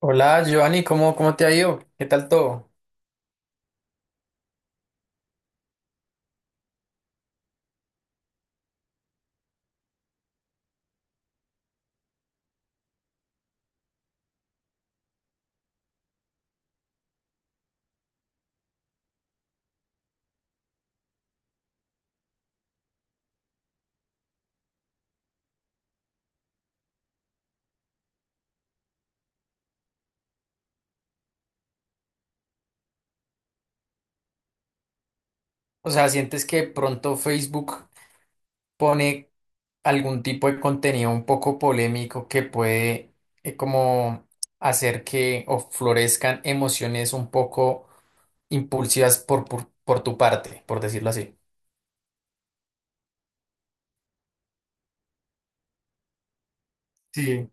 Hola, Giovanni, ¿cómo te ha ido? ¿Qué tal todo? O sea, ¿sientes que pronto Facebook pone algún tipo de contenido un poco polémico que puede como hacer que o florezcan emociones un poco impulsivas por, tu parte, por decirlo así? Sí.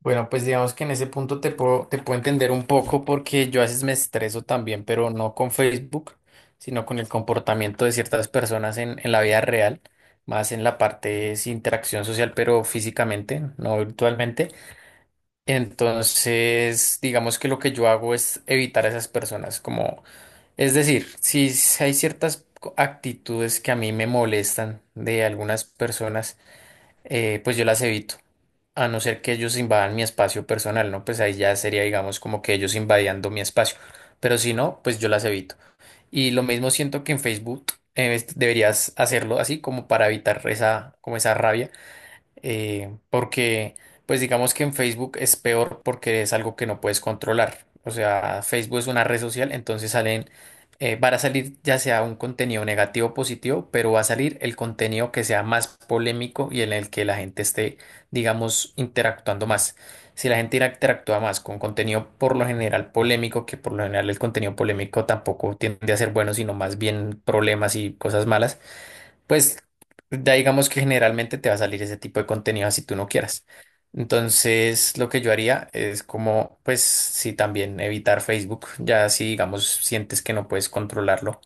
Bueno, pues digamos que en ese punto te puedo, entender un poco porque yo a veces me estreso también, pero no con Facebook, sino con el comportamiento de ciertas personas en, la vida real, más en la parte es interacción social, pero físicamente, no virtualmente. Entonces, digamos que lo que yo hago es evitar a esas personas, como, es decir, si s- hay ciertas actitudes que a mí me molestan de algunas personas. Pues yo las evito. A no ser que ellos invadan mi espacio personal, ¿no? Pues ahí ya sería, digamos, como que ellos invadiendo mi espacio. Pero si no, pues yo las evito. Y lo mismo siento que en Facebook. Deberías hacerlo así como para evitar esa, como esa rabia, porque pues digamos que en Facebook es peor porque es algo que no puedes controlar. O sea, Facebook es una red social, entonces salen, van a salir ya sea un contenido negativo o positivo, pero va a salir el contenido que sea más polémico y en el que la gente esté, digamos, interactuando más. Si la gente interactúa más con contenido por lo general polémico, que por lo general el contenido polémico tampoco tiende a ser bueno, sino más bien problemas y cosas malas, pues ya digamos que generalmente te va a salir ese tipo de contenido si tú no quieras. Entonces, lo que yo haría es como, pues, sí, también evitar Facebook, ya si digamos sientes que no puedes controlarlo.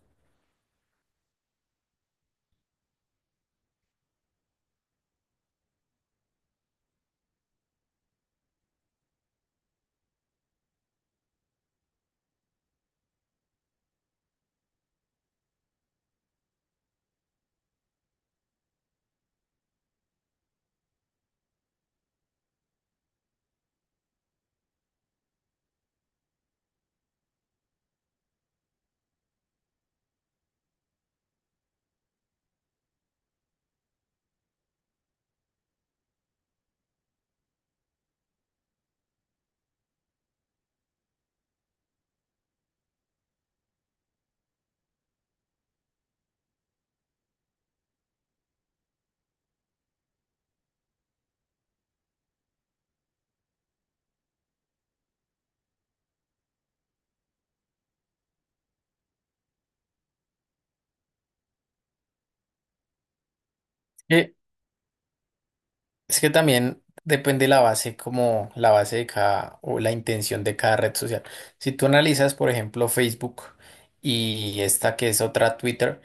Eh, Es que también depende la base, como la base de cada o la intención de cada red social. Si tú analizas, por ejemplo, Facebook y esta que es otra Twitter,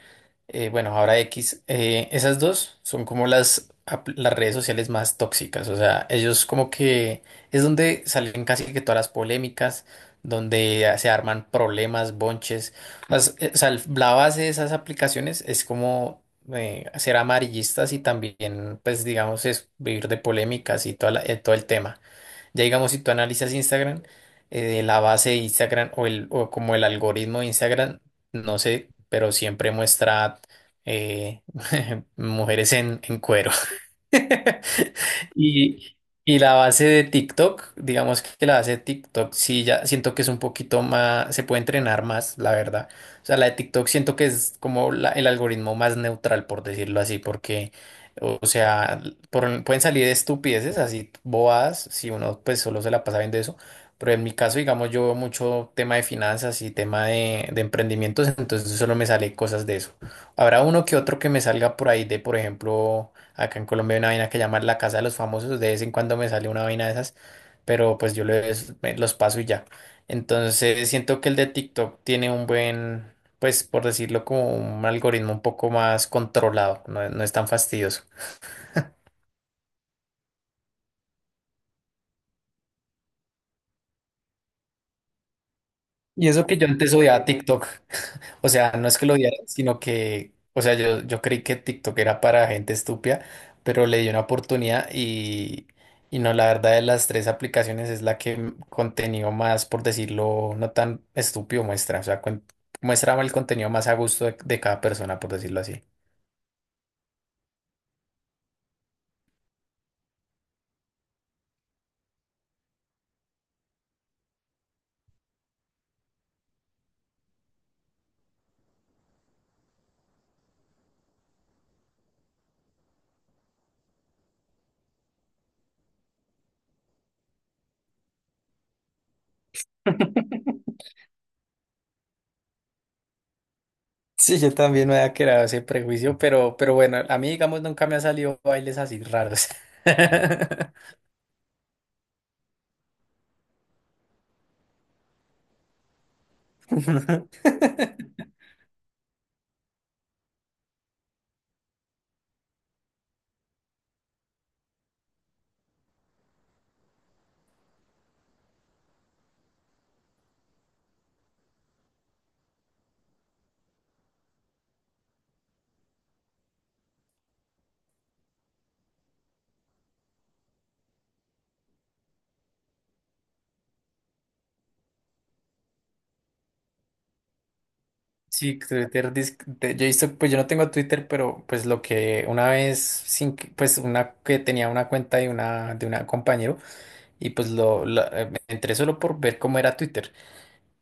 bueno, ahora X, esas dos son como las, redes sociales más tóxicas. O sea, ellos como que es donde salen casi que todas las polémicas, donde se arman problemas, bonches. O sea, la base de esas aplicaciones es como, ser amarillistas y también, pues, digamos, es vivir de polémicas y todo el tema. Ya digamos, si tú analizas Instagram, la base de Instagram o, o como el algoritmo de Instagram, no sé, pero siempre muestra, eh, mujeres en, cuero. Y, la base de TikTok, digamos que la base de TikTok sí ya siento que es un poquito más, se puede entrenar más, la verdad. O sea, la de TikTok siento que es como el algoritmo más neutral, por decirlo así, porque, o sea, pueden salir estupideces así bobadas si uno pues solo se la pasa viendo eso. Pero en mi caso, digamos, yo veo mucho tema de finanzas y tema de, emprendimientos, entonces solo me sale cosas de eso. Habrá uno que otro que me salga por ahí de, por ejemplo. Acá en Colombia hay una vaina que llaman la casa de los famosos. De vez en cuando me sale una vaina de esas, pero pues yo los, los paso y ya. Entonces siento que el de TikTok tiene un buen, pues por decirlo como un algoritmo un poco más controlado. No, no es tan fastidioso. Y eso que yo antes odiaba TikTok. O sea, no es que lo odiara, sino que, o sea, yo creí que TikTok era para gente estúpida, pero le di una oportunidad y, no, la verdad de las tres aplicaciones es la que contenido más, por decirlo, no tan estúpido muestra, o sea, muestra el contenido más a gusto de, cada persona, por decirlo así. Sí, yo también me había creado ese prejuicio, pero, bueno, a mí, digamos, nunca me ha salido bailes así raros. Sí, Twitter, yo he visto, pues yo no tengo Twitter, pero pues lo que una vez, sin, que- pues una que tenía una cuenta de una, compañero, y pues me entré solo por ver cómo era Twitter.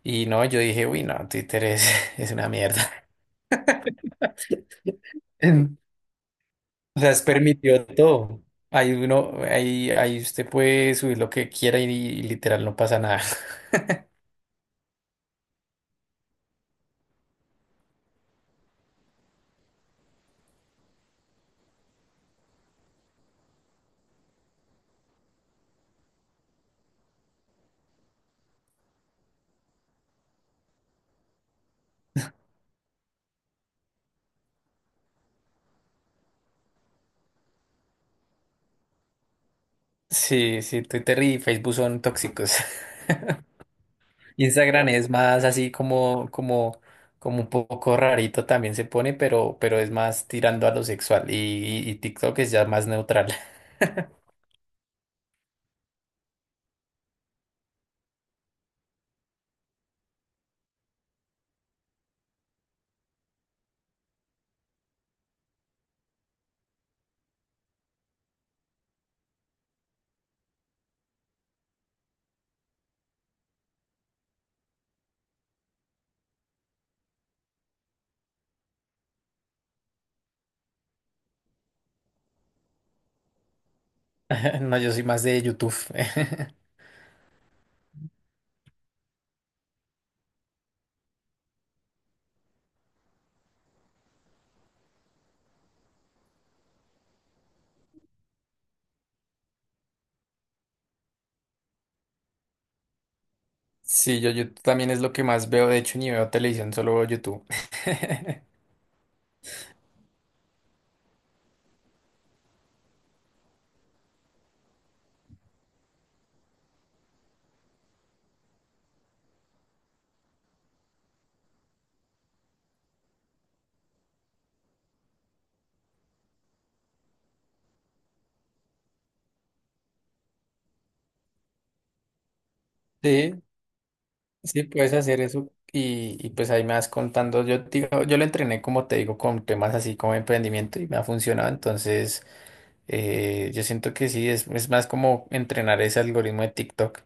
Y no, yo dije, uy, no, Twitter es una mierda. En- O sea, es permitido todo. Ahí usted puede subir lo que quiera y, literal no pasa nada. Sí, sí, Twitter y Facebook son tóxicos. Instagram es más así como, como, un poco rarito también se pone, pero, es más tirando a lo sexual. Y TikTok es ya más neutral. No, yo soy más de YouTube. Sí, yo también es lo que más veo. De hecho, ni veo televisión, solo veo YouTube. Sí, sí, puedes hacer eso. Y pues ahí me vas contando. Yo, te digo, yo lo entrené, como te digo, con temas así como emprendimiento y me ha funcionado. Entonces, yo siento que sí, es más como entrenar ese algoritmo de TikTok.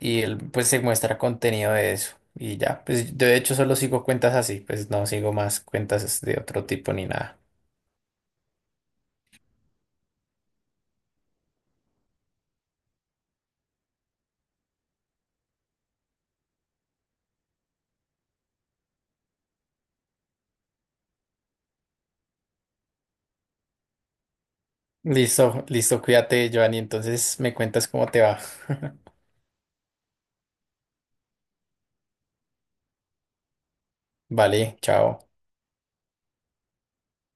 Y él pues se muestra contenido de eso y ya, pues yo de hecho solo sigo cuentas así, pues no sigo más cuentas de otro tipo ni nada. Listo, listo, cuídate, Joanny, entonces me cuentas cómo te va. Vale, chao.